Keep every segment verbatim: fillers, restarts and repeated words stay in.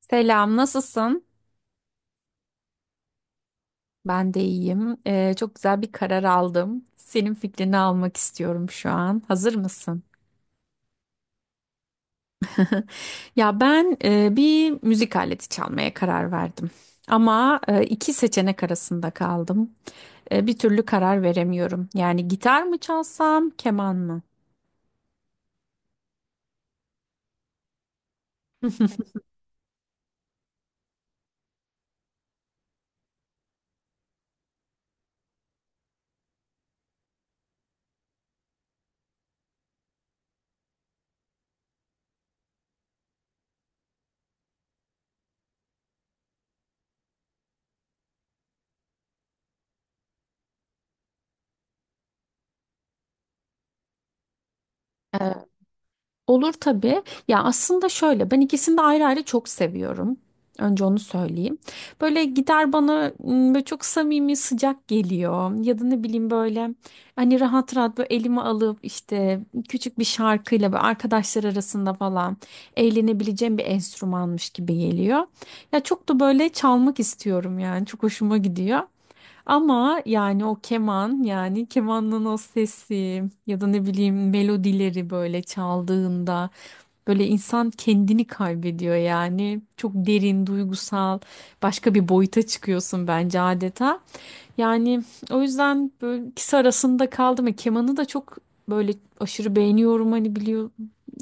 Selam, nasılsın? Ben de iyiyim. Ee, çok güzel bir karar aldım. Senin fikrini almak istiyorum şu an. Hazır mısın? Ya ben e, bir müzik aleti çalmaya karar verdim. Ama e, iki seçenek arasında kaldım. E, bir türlü karar veremiyorum. Yani gitar mı çalsam, keman mı? Ee, Olur tabii. Ya aslında şöyle ben ikisini de ayrı ayrı çok seviyorum. Önce onu söyleyeyim. Böyle gider bana m, böyle çok samimi sıcak geliyor. Ya da ne bileyim böyle hani rahat rahat böyle elime alıp işte küçük bir şarkıyla böyle arkadaşlar arasında falan eğlenebileceğim bir enstrümanmış gibi geliyor. Ya çok da böyle çalmak istiyorum yani çok hoşuma gidiyor. Ama yani o keman yani kemanın o sesi ya da ne bileyim melodileri böyle çaldığında böyle insan kendini kaybediyor yani çok derin duygusal başka bir boyuta çıkıyorsun bence adeta. Yani o yüzden böyle ikisi arasında kaldım ve kemanı da çok böyle aşırı beğeniyorum hani biliyor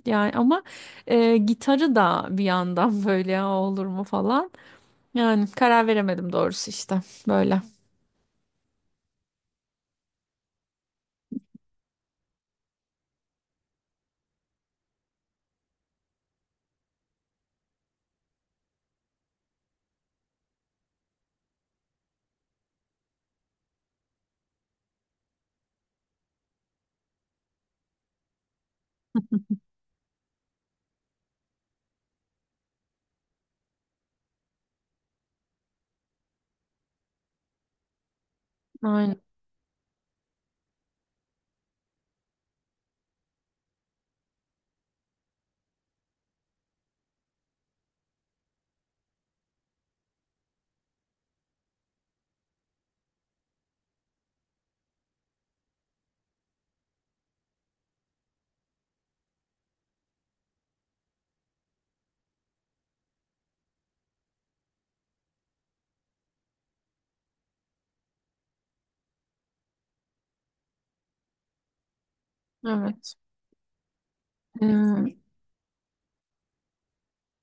yani ama e, gitarı da bir yandan böyle "Aa, olur mu falan yani karar veremedim doğrusu işte böyle. Aynen. Evet. Hmm,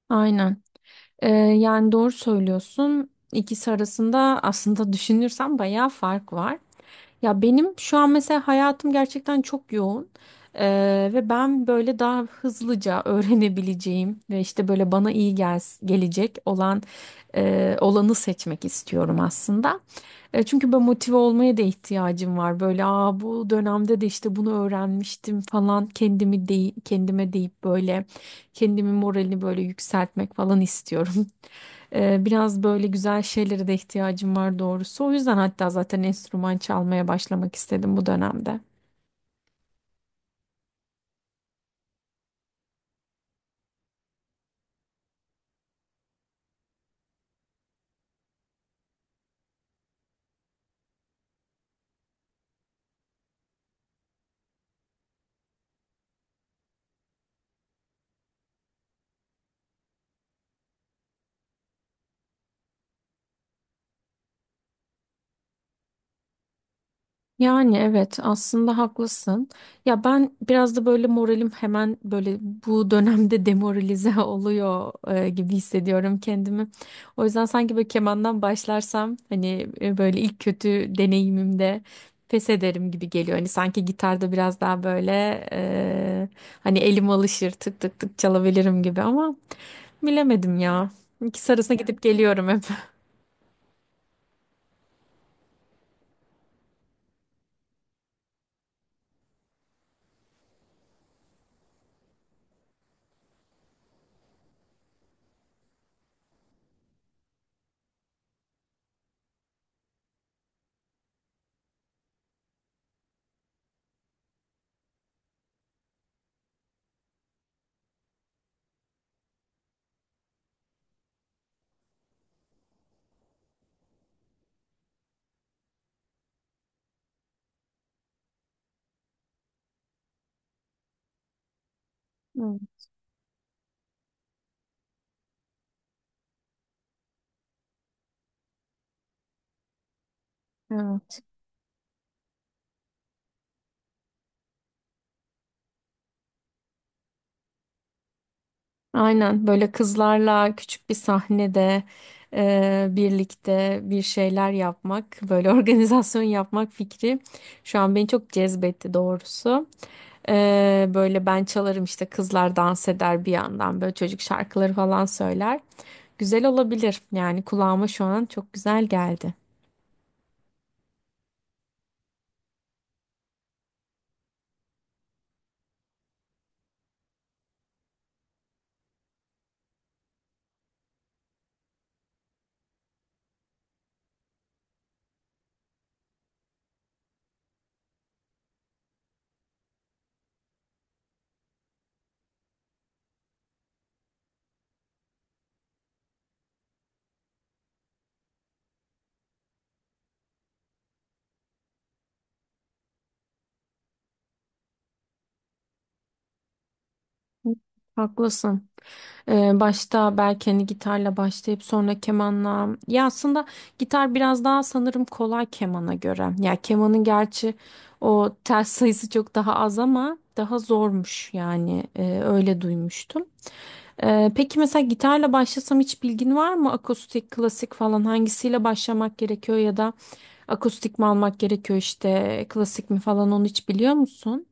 aynen. Ee, yani doğru söylüyorsun. İkisi arasında aslında düşünürsem bayağı fark var. Ya benim şu an mesela hayatım gerçekten çok yoğun. Ee, ve ben böyle daha hızlıca öğrenebileceğim ve işte böyle bana iyi gel gelecek olan e, olanı seçmek istiyorum aslında. E, çünkü ben motive olmaya da ihtiyacım var. Böyle aa bu dönemde de işte bunu öğrenmiştim falan kendimi dey kendime deyip böyle kendimi moralini böyle yükseltmek falan istiyorum. E, biraz böyle güzel şeylere de ihtiyacım var doğrusu. O yüzden hatta zaten enstrüman çalmaya başlamak istedim bu dönemde. Yani evet aslında haklısın. Ya ben biraz da böyle moralim hemen böyle bu dönemde demoralize oluyor e, gibi hissediyorum kendimi. O yüzden sanki böyle kemandan başlarsam hani e, böyle ilk kötü deneyimimde pes ederim gibi geliyor. Hani sanki gitarda biraz daha böyle e, hani elim alışır tık tık tık çalabilirim gibi ama bilemedim ya. İkisi arasına gidip geliyorum hep. Evet. Aynen böyle kızlarla küçük bir sahnede e, birlikte bir şeyler yapmak, böyle organizasyon yapmak fikri şu an beni çok cezbetti doğrusu. E, böyle ben çalarım işte kızlar dans eder bir yandan böyle çocuk şarkıları falan söyler. Güzel olabilir yani kulağıma şu an çok güzel geldi. Haklısın. Ee, başta belki hani gitarla başlayıp sonra kemanla. Ya aslında gitar biraz daha sanırım kolay kemana göre. Ya kemanın gerçi o tel sayısı çok daha az ama daha zormuş yani. Ee, öyle duymuştum. Ee, peki mesela gitarla başlasam hiç bilgin var mı? Akustik, klasik falan hangisiyle başlamak gerekiyor ya da akustik mi almak gerekiyor işte klasik mi falan onu hiç biliyor musun?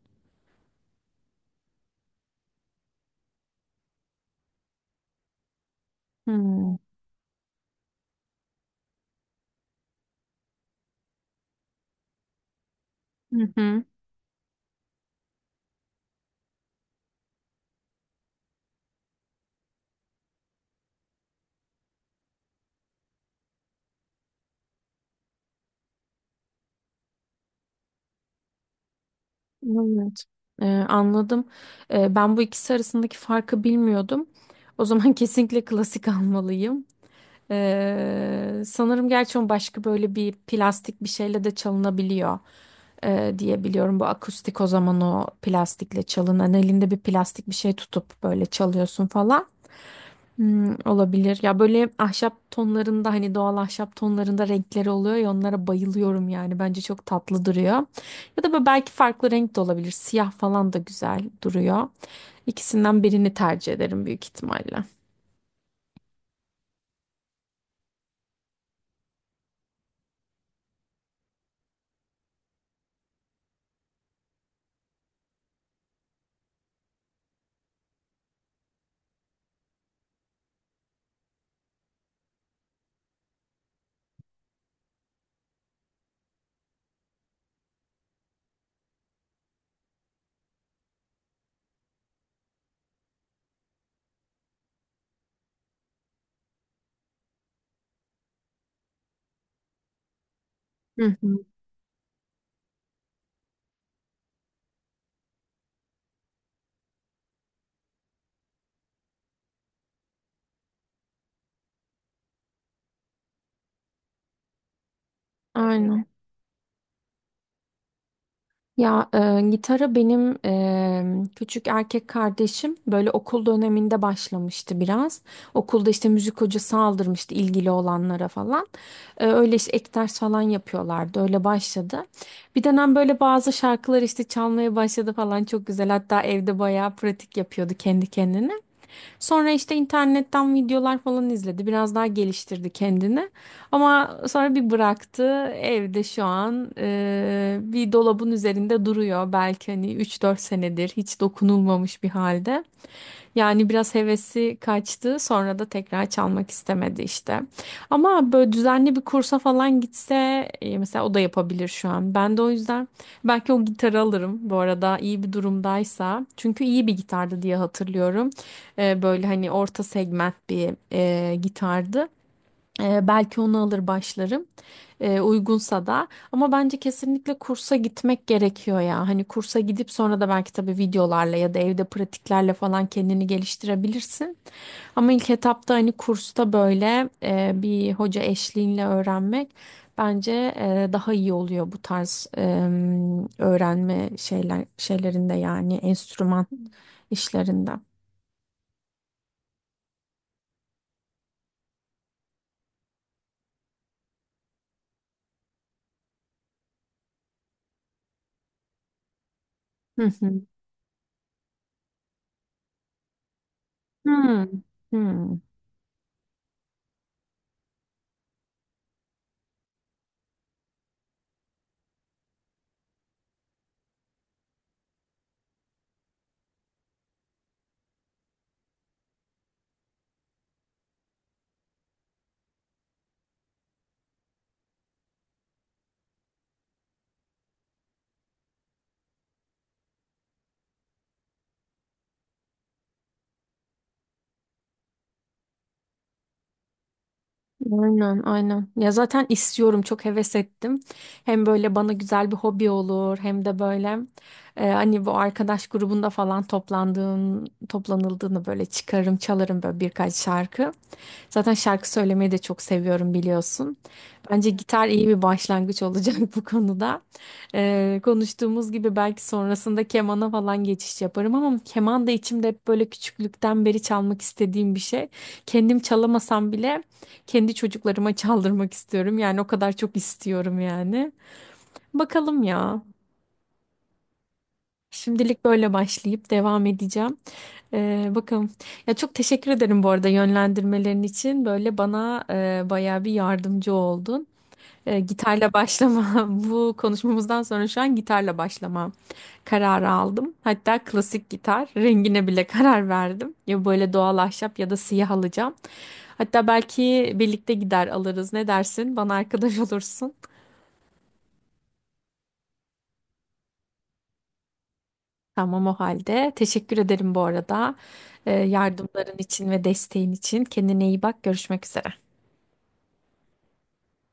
Hmm. Hı hı. Evet, Ee, anladım. Ee, ben bu ikisi arasındaki farkı bilmiyordum. O zaman kesinlikle klasik almalıyım. Ee, sanırım gerçi onun başka böyle bir plastik bir şeyle de çalınabiliyor ee, diye biliyorum. Bu akustik o zaman o plastikle çalınan elinde bir plastik bir şey tutup böyle çalıyorsun falan. Hmm, olabilir. Ya böyle ahşap tonlarında hani doğal ahşap tonlarında renkleri oluyor ya onlara bayılıyorum yani. Bence çok tatlı duruyor. Ya da böyle belki farklı renk de olabilir. Siyah falan da güzel duruyor. İkisinden birini tercih ederim büyük ihtimalle. Hı hı. Aynen. Ya e, gitara benim e, küçük erkek kardeşim böyle okul döneminde başlamıştı biraz. Okulda işte müzik hocası aldırmıştı ilgili olanlara falan. E, öyle işte ek ders falan yapıyorlardı. Öyle başladı. Bir dönem böyle bazı şarkılar işte çalmaya başladı falan çok güzel. Hatta evde bayağı pratik yapıyordu kendi kendine. Sonra işte internetten videolar falan izledi. Biraz daha geliştirdi kendini. Ama sonra bir bıraktı. Evde şu an e, bir dolabın üzerinde duruyor. Belki hani üç dört senedir hiç dokunulmamış bir halde. Yani biraz hevesi kaçtı, sonra da tekrar çalmak istemedi işte. Ama böyle düzenli bir kursa falan gitse e, mesela o da yapabilir şu an. Ben de o yüzden belki o gitarı alırım bu arada iyi bir durumdaysa. Çünkü iyi bir gitardı diye hatırlıyorum. E, böyle hani orta segment bir e, gitardı. E, belki onu alır başlarım e, uygunsa da ama bence kesinlikle kursa gitmek gerekiyor ya. Hani kursa gidip sonra da belki tabii videolarla ya da evde pratiklerle falan kendini geliştirebilirsin. Ama ilk etapta hani kursta böyle e, bir hoca eşliğinle öğrenmek bence e, daha iyi oluyor bu tarz e, öğrenme şeyler şeylerinde yani enstrüman işlerinde. Hı hı. Hmm. Hmm. Aynen, aynen. Ya zaten istiyorum, çok heves ettim. Hem böyle bana güzel bir hobi olur, hem de böyle e, hani bu arkadaş grubunda falan toplandığım, toplanıldığını böyle çıkarım, çalarım böyle birkaç şarkı. Zaten şarkı söylemeyi de çok seviyorum biliyorsun. Bence gitar iyi bir başlangıç olacak bu konuda. Ee, konuştuğumuz gibi belki sonrasında kemana falan geçiş yaparım ama keman da içimde hep böyle küçüklükten beri çalmak istediğim bir şey. Kendim çalamasam bile kendi çocuklarıma çaldırmak istiyorum. Yani o kadar çok istiyorum yani. Bakalım ya. Şimdilik böyle başlayıp devam edeceğim. Ee, bakalım. Ya çok teşekkür ederim bu arada yönlendirmelerin için. Böyle bana e, bayağı bir yardımcı oldun. E, gitarla başlama. Bu konuşmamızdan sonra şu an gitarla başlama kararı aldım. Hatta klasik gitar rengine bile karar verdim. Ya böyle doğal ahşap ya da siyah alacağım. Hatta belki birlikte gider alırız. Ne dersin? Bana arkadaş olursun. Tamam o halde. Teşekkür ederim bu arada. E, yardımların için ve desteğin için. Kendine iyi bak. Görüşmek üzere.